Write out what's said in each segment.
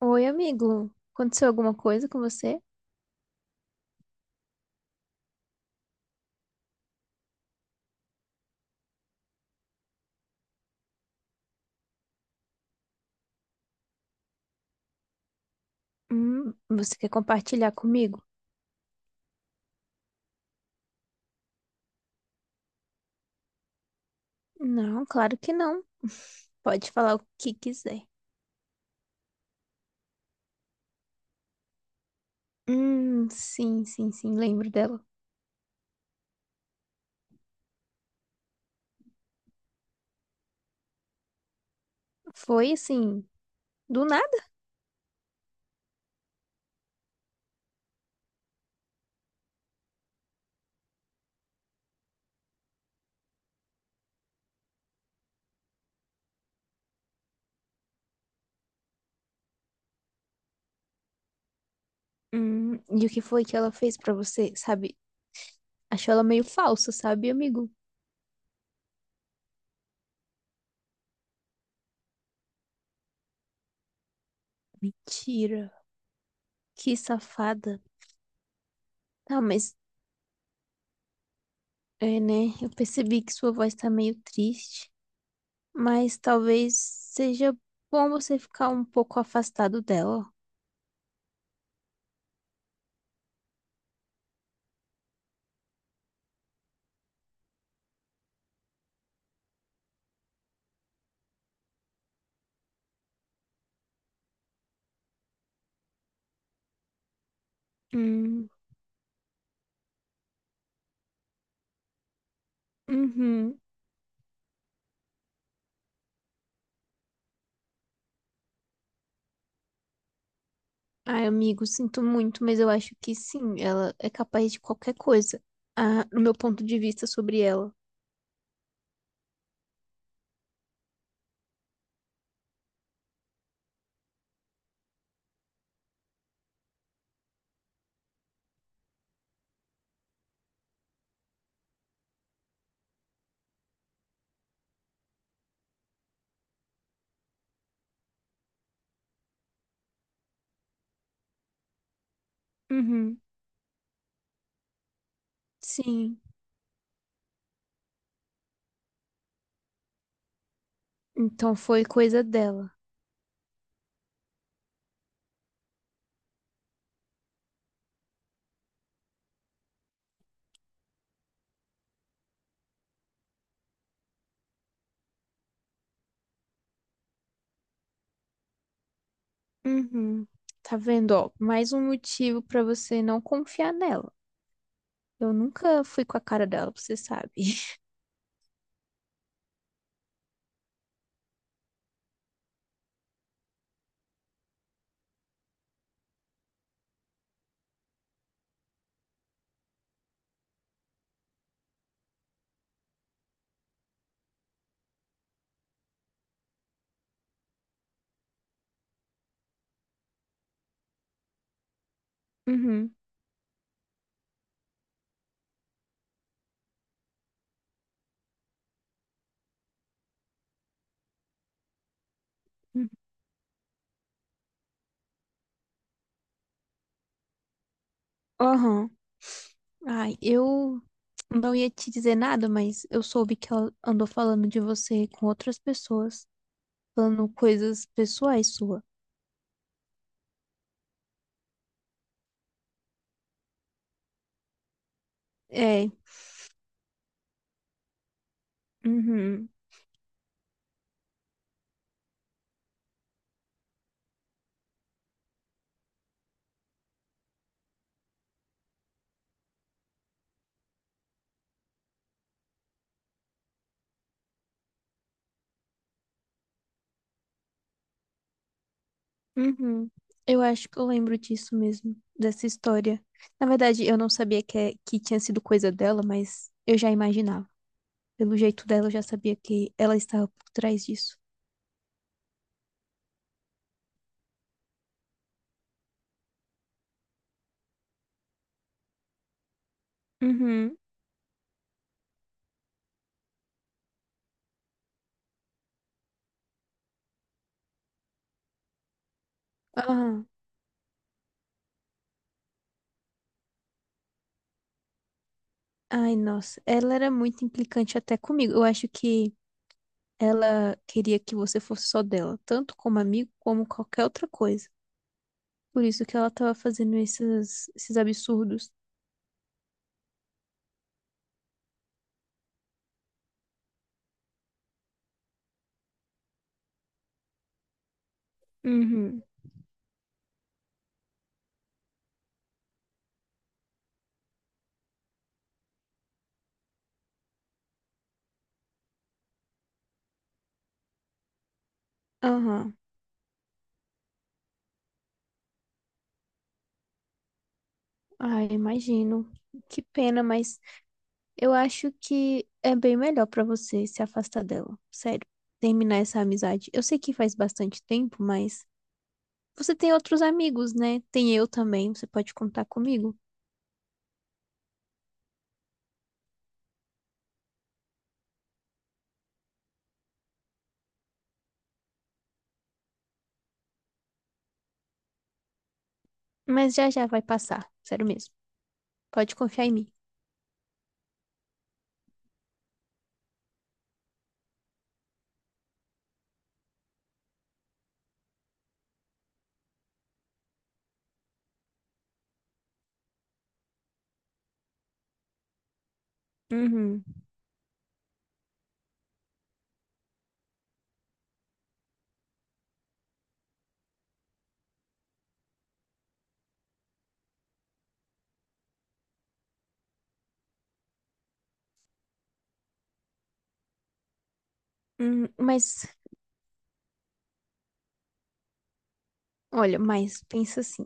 Oi, amigo. Aconteceu alguma coisa com você? Você quer compartilhar comigo? Não, claro que não. Pode falar o que quiser. Sim, sim, sim, lembro dela. Foi assim, do nada. E o que foi que ela fez pra você, sabe? Achou ela meio falsa, sabe, amigo? Mentira. Que safada. Ah, mas é, né? Eu percebi que sua voz tá meio triste, mas talvez seja bom você ficar um pouco afastado dela. Hum, uhum. Ai, amigo, sinto muito, mas eu acho que sim, ela é capaz de qualquer coisa. Ah, no meu ponto de vista sobre ela. Uhum, sim. Então foi coisa dela. Uhum. Tá vendo, ó, mais um motivo pra você não confiar nela. Eu nunca fui com a cara dela, você sabe. Uhum. Uhum. Aham. Ai, eu não ia te dizer nada, mas eu soube que ela andou falando de você com outras pessoas, falando coisas pessoais suas. É. Uhum. Uhum. Eu acho que eu lembro disso mesmo, dessa história. Na verdade, eu não sabia que, que tinha sido coisa dela, mas eu já imaginava. Pelo jeito dela, eu já sabia que ela estava por trás disso. Uhum. Ah, ai, nossa. Ela era muito implicante até comigo. Eu acho que ela queria que você fosse só dela, tanto como amigo, como qualquer outra coisa. Por isso que ela estava fazendo esses absurdos. Uhum. Aham. Ai, imagino. Que pena, mas eu acho que é bem melhor pra você se afastar dela. Sério, terminar essa amizade. Eu sei que faz bastante tempo, mas você tem outros amigos, né? Tem eu também, você pode contar comigo. Mas já já vai passar, sério mesmo. Pode confiar em mim. Uhum. Uhum. Mas, olha, mas pensa assim,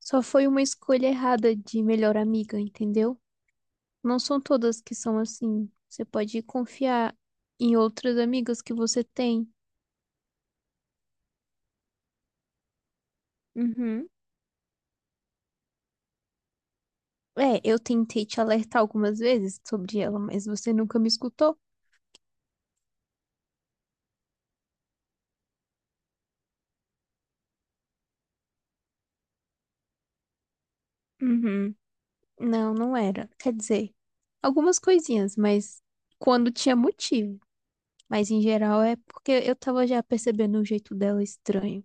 só foi uma escolha errada de melhor amiga, entendeu? Não são todas que são assim. Você pode confiar em outras amigas que você tem. Uhum. É, eu tentei te alertar algumas vezes sobre ela, mas você nunca me escutou. Uhum. Não, não era. Quer dizer, algumas coisinhas, mas quando tinha motivo. Mas em geral é porque eu tava já percebendo o jeito dela estranho.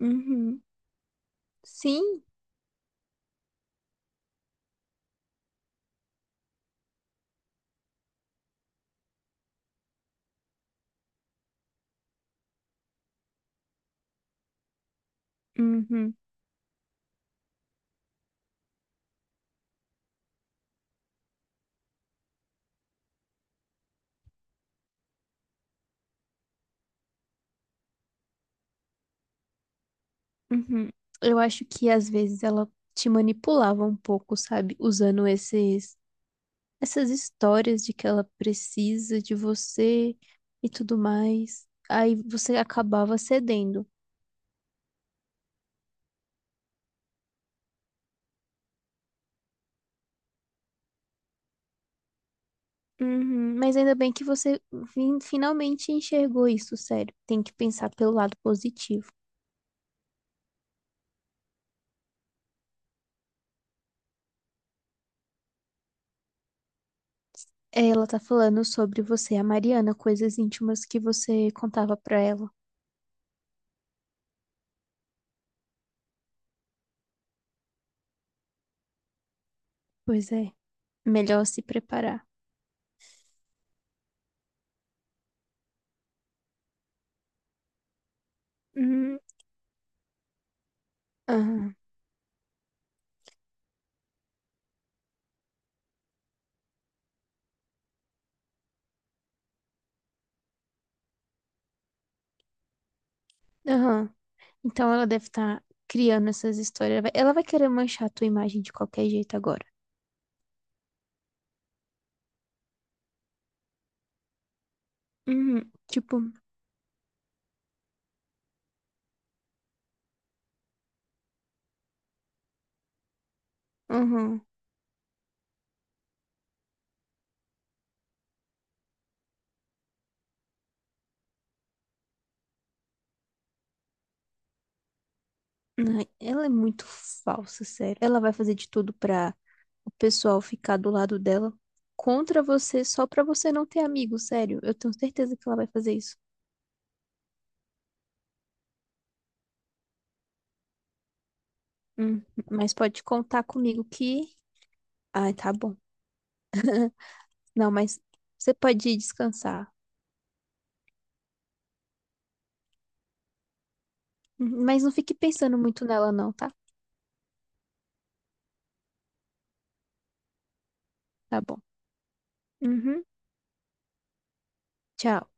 Uhum. Sim, uhum, uhum. Eu acho que às vezes ela te manipulava um pouco, sabe? Usando esses essas histórias de que ela precisa de você e tudo mais. Aí você acabava cedendo. Uhum, mas ainda bem que você finalmente enxergou isso, sério. Tem que pensar pelo lado positivo. É, ela tá falando sobre você, a Mariana, coisas íntimas que você contava pra ela. Pois é, melhor se preparar. Uhum, aham, aham. Então ela deve estar criando essas histórias. Ela vai querer manchar a tua imagem de qualquer jeito agora. Uhum, tipo, uhum. Ai, ela é muito falsa, sério. Ela vai fazer de tudo pra o pessoal ficar do lado dela contra você, só pra você não ter amigo, sério. Eu tenho certeza que ela vai fazer isso. Hum, mas pode contar comigo que. Ai, tá bom. Não, mas você pode ir descansar. Uhum, mas não fique pensando muito nela, não, tá? Tá bom. Uhum. Tchau.